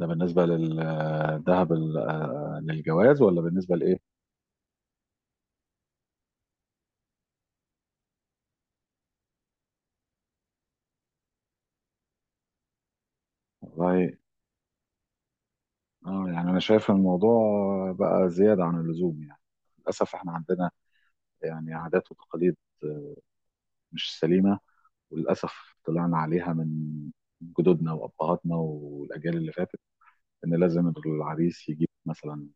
ده بالنسبة للذهب للجواز ولا بالنسبة لإيه؟ والله، اه يعني أنا شايف الموضوع بقى زيادة عن اللزوم، يعني للأسف إحنا عندنا يعني عادات وتقاليد مش سليمة، وللأسف طلعنا عليها من جدودنا وأبهاتنا والأجيال اللي فاتت، إن لازم العريس يجيب مثلا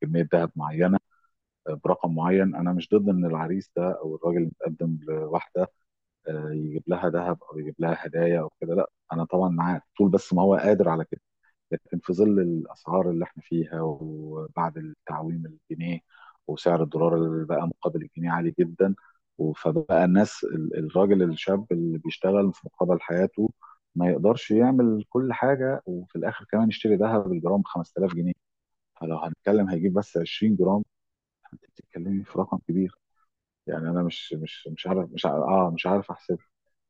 كمية ذهب معينة برقم معين. أنا مش ضد إن العريس ده أو الراجل المتقدم لواحدة يجيب لها ذهب او يجيب لها هدايا او كده، لا انا طبعا معاه طول، بس ما هو قادر على كده. لكن في ظل الاسعار اللي احنا فيها وبعد التعويم الجنيه وسعر الدولار اللي بقى مقابل الجنيه عالي جدا، فبقى الناس الراجل الشاب اللي بيشتغل في مقابل حياته ما يقدرش يعمل كل حاجه، وفي الاخر كمان يشتري ذهب الجرام 5000 جنيه. فلو هنتكلم هيجيب بس 20 جرام، انت بتتكلمي في رقم كبير. يعني انا مش مش مش عارف مش عارف اه مش عارف.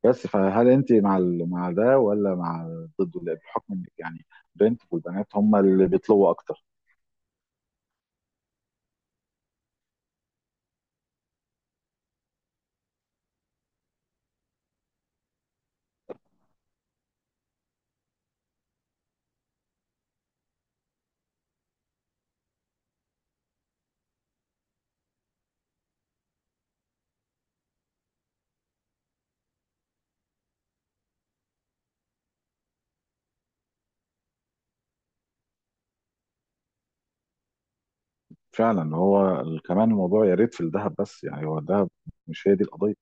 بس فهل انت مع مع ده ولا مع ضده؟ لا، بحكم انك يعني بنت، والبنات هم اللي بيطلبوا اكتر. فعلا هو كمان الموضوع يا ريت في الذهب بس، يعني هو الذهب مش هي دي القضيه،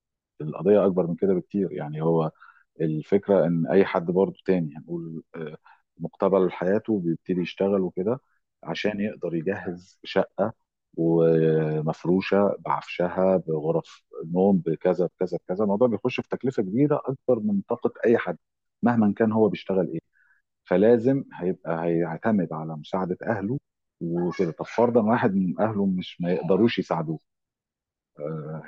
القضيه اكبر من كده بكتير. يعني هو الفكرة إن أي حد برضو تاني هنقول مقتبل حياته بيبتدي يشتغل وكده عشان يقدر يجهز شقة ومفروشة بعفشها بغرف نوم بكذا بكذا بكذا. الموضوع بيخش في تكلفة كبيرة أكبر من طاقة أي حد مهما كان هو بيشتغل إيه. فلازم هيبقى هيعتمد على مساعدة أهله وكده. طب فرضا واحد من أهله مش ما يقدروش يساعدوه،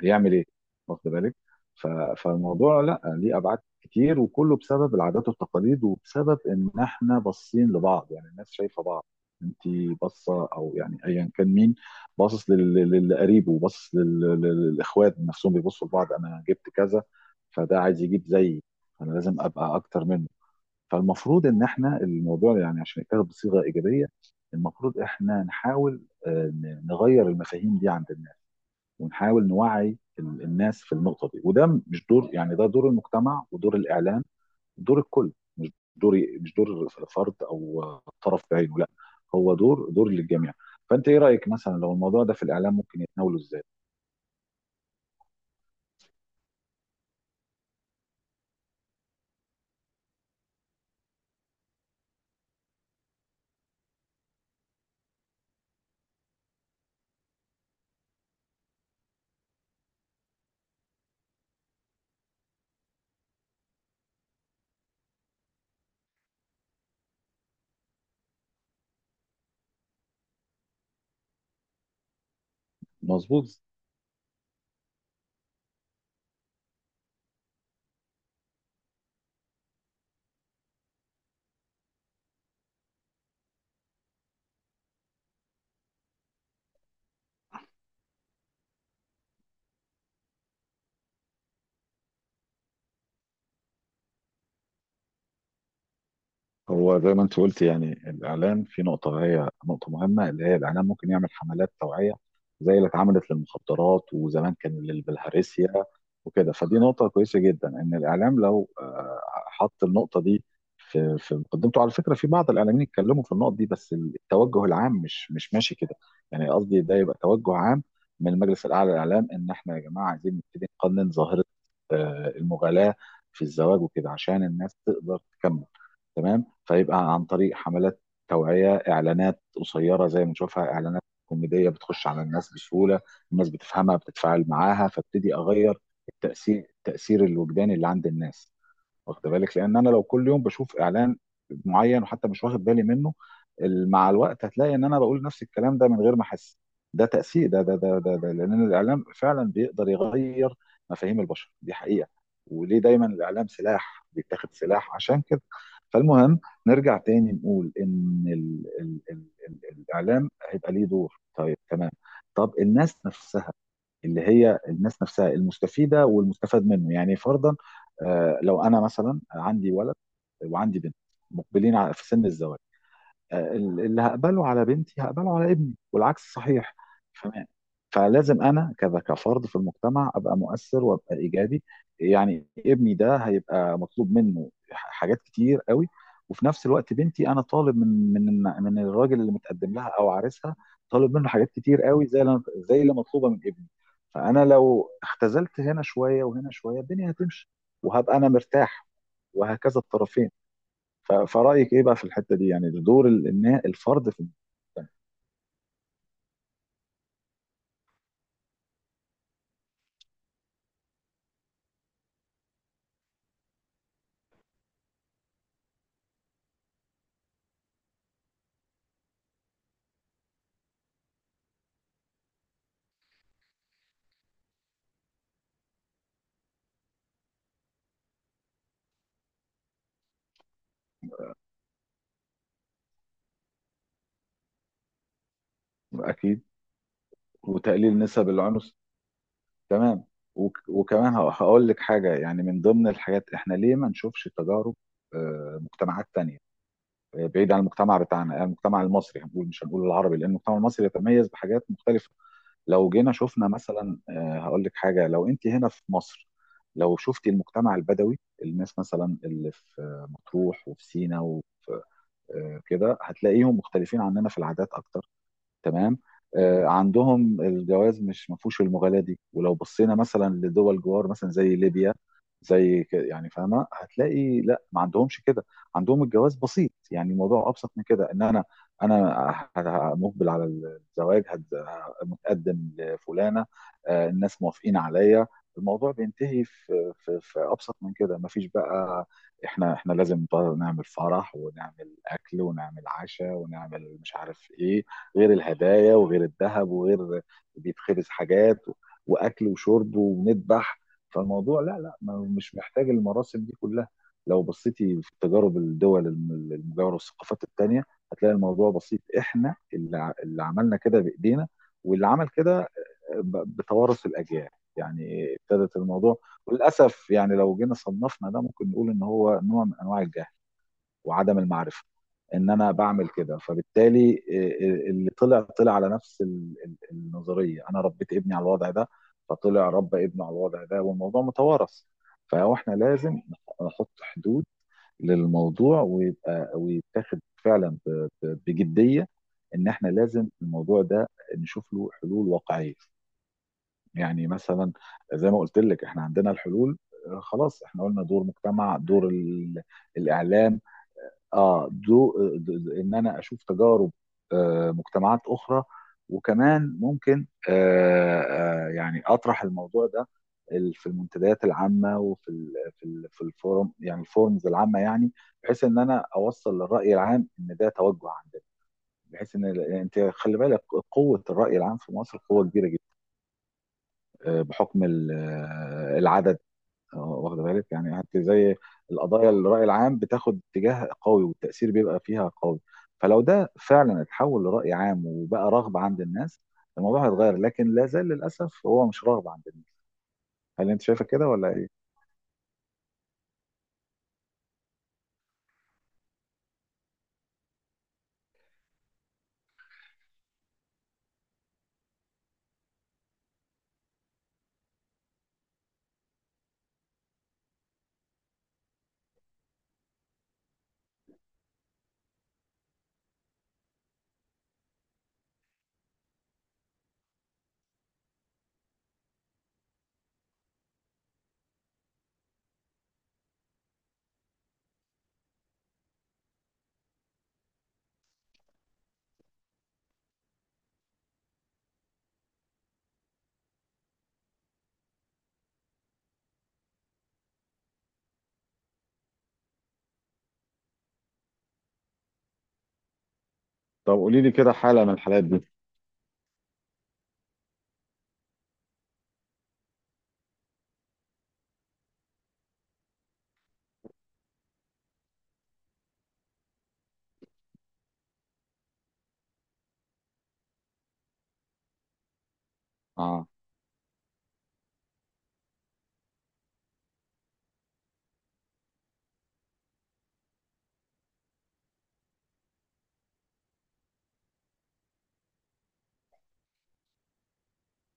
هيعمل ايه؟ واخد بالك؟ ف- فالموضوع لا، ليه ابعاد كتير، وكله بسبب العادات والتقاليد، وبسبب ان احنا باصين لبعض. يعني الناس شايفه بعض، انت باصه او يعني ايا كان مين، باصص لقريبه، وباصص للاخوات نفسهم بيبصوا لبعض. انا جبت كذا، فده عايز يجيب زيي، فانا لازم ابقى اكتر منه. فالمفروض ان احنا الموضوع يعني عشان يتاخد بصيغه ايجابيه، المفروض احنا نحاول نغير المفاهيم دي عند الناس، ونحاول نوعي الناس في النقطه دي. وده مش دور، يعني ده دور المجتمع ودور الاعلام، دور الكل. مش دور، مش دور فرد او طرف بعينه، لا، هو دور، دور للجميع. فانت ايه رايك مثلا لو الموضوع ده في الاعلام ممكن يتناوله ازاي؟ مظبوط. هو زي ما انت قلت، يعني الاعلام في نقطه، هي نقطه مهمه، اللي هي الاعلام ممكن يعمل حملات توعيه زي اللي اتعملت للمخدرات وزمان كان للبلهارسيا وكده. فدي نقطه كويسه جدا، ان الاعلام لو حط النقطه دي في مقدمته. على فكره في بعض الاعلاميين اتكلموا في النقط دي، بس التوجه العام مش ماشي كده. يعني قصدي ده يبقى توجه عام من المجلس الاعلى للاعلام، ان احنا يا جماعه عايزين نبتدي نقنن ظاهره المغالاه في الزواج وكده، عشان الناس تقدر تكمل. تمام. فيبقى عن طريق حملات توعية، إعلانات قصيرة زي ما نشوفها، إعلانات كوميدية بتخش على الناس بسهولة، الناس بتفهمها بتتفاعل معاها، فابتدي أغير التأثير الوجداني اللي عند الناس. واخد بالك؟ لان انا لو كل يوم بشوف اعلان معين، وحتى مش واخد بالي منه، مع الوقت هتلاقي ان انا بقول نفس الكلام ده من غير ما احس. ده تاثير، ده لان الاعلام فعلا بيقدر يغير مفاهيم البشر، دي حقيقه. وليه دايما الاعلام سلاح، بيتاخد سلاح عشان كده. فالمهم نرجع تاني نقول ان ال الاعلام هيبقى ليه دور. طيب تمام. طب الناس نفسها، اللي هي الناس نفسها المستفيده والمستفاد منه، يعني فرضا لو انا مثلا عندي ولد وعندي بنت مقبلين في سن الزواج، اللي هقبله على بنتي هقبله على ابني، والعكس صحيح. فما- فلازم انا كذا كفرد في المجتمع ابقى مؤثر وابقى ايجابي. يعني ابني ده هيبقى مطلوب منه حاجات كتير قوي، وفي نفس الوقت بنتي انا طالب من الراجل اللي متقدم لها او عريسها، طالب منه حاجات كتير قوي زي زي اللي مطلوبه من ابني. فانا لو اختزلت هنا شويه وهنا شويه، الدنيا هتمشي، وهبقى انا مرتاح، وهكذا الطرفين. فرأيك ايه بقى في الحتة دي؟ يعني ده دور الفرد في. اكيد. وتقليل نسب العنف. تمام. وكمان هقول لك حاجة، يعني من ضمن الحاجات احنا ليه ما نشوفش تجارب مجتمعات تانية، بعيد عن المجتمع بتاعنا، المجتمع المصري، هنقول مش هنقول العربي لان المجتمع المصري يتميز بحاجات مختلفة. لو جينا شفنا مثلا، هقول لك حاجة، لو انت هنا في مصر، لو شفتي المجتمع البدوي، الناس مثلا اللي في مطروح وفي سينا، كده هتلاقيهم مختلفين عننا في العادات اكتر. تمام. عندهم الجواز مش، ما فيهوش المغالاة دي. ولو بصينا مثلا لدول جوار مثلا زي ليبيا، يعني فاهمه، هتلاقي لا، ما عندهمش كده، عندهم الجواز بسيط. يعني الموضوع ابسط من كده، ان انا انا مقبل على الزواج، متقدم لفلانه، الناس موافقين عليا، الموضوع بينتهي في في ابسط من كده. ما فيش بقى احنا لازم نعمل فرح، ونعمل اكل، ونعمل عشاء، ونعمل مش عارف ايه، غير الهدايا وغير الذهب وغير بيتخبز حاجات، واكل وشرب ونذبح. فالموضوع لا، مش محتاج المراسم دي كلها. لو بصيتي في تجارب الدول المجاوره والثقافات التانيه، هتلاقي الموضوع بسيط. احنا اللي اللي عملنا كده بايدينا، واللي عمل كده بتوارث الاجيال، يعني ابتدت الموضوع. وللاسف يعني لو جينا صنفنا ده، ممكن نقول ان هو نوع من انواع الجهل وعدم المعرفه. ان انا بعمل كده، فبالتالي اللي طلع طلع على نفس النظريه، انا ربيت ابني على الوضع ده، فطلع ربى ابنه على الوضع ده، والموضوع متوارث. فاحنا لازم نحط حدود للموضوع، ويبقى ويتاخد فعلا بجديه، ان احنا لازم الموضوع ده نشوف له حلول واقعيه. يعني مثلا زي ما قلت لك احنا عندنا الحلول. خلاص احنا قلنا دور مجتمع، دور الاعلام، اه دو، ان انا اشوف تجارب مجتمعات اخرى. وكمان ممكن يعني اطرح الموضوع ده في المنتديات العامه، وفي ال في ال في الفورم، يعني الفورمز العامه، يعني بحيث ان انا اوصل للراي العام ان ده توجه عندنا. بحيث ان انت خلي بالك، قوه الراي العام في مصر قوه كبيره جدا، بحكم العدد. اه واخده بالك؟ يعني حتى زي القضايا، الرأي العام بتاخد اتجاه قوي، والتأثير بيبقى فيها قوي. فلو ده فعلا اتحول لرأي عام وبقى رغبة عند الناس، الموضوع هيتغير. لكن لا زال للأسف هو مش رغبة عند الناس. هل انت شايفة كده ولا ايه؟ طب قولي لي كده حالة من الحالات دي. اه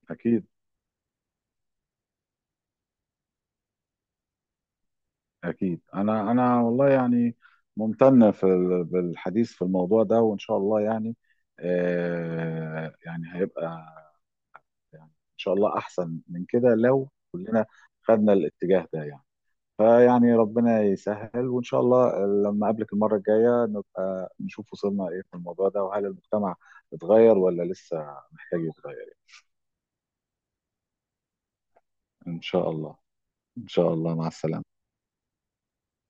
اكيد. اكيد انا، انا والله يعني ممتن بالحديث في الموضوع ده، وان شاء الله يعني هيبقى يعني ان شاء الله احسن من كده لو كلنا خدنا الاتجاه ده يعني. فيعني ربنا يسهل، وان شاء الله لما اقابلك المره الجايه نبقى نشوف وصلنا ايه في الموضوع ده، وهل المجتمع اتغير ولا لسه محتاج يتغير يعني. ان شاء الله. ان شاء الله، مع السلامه.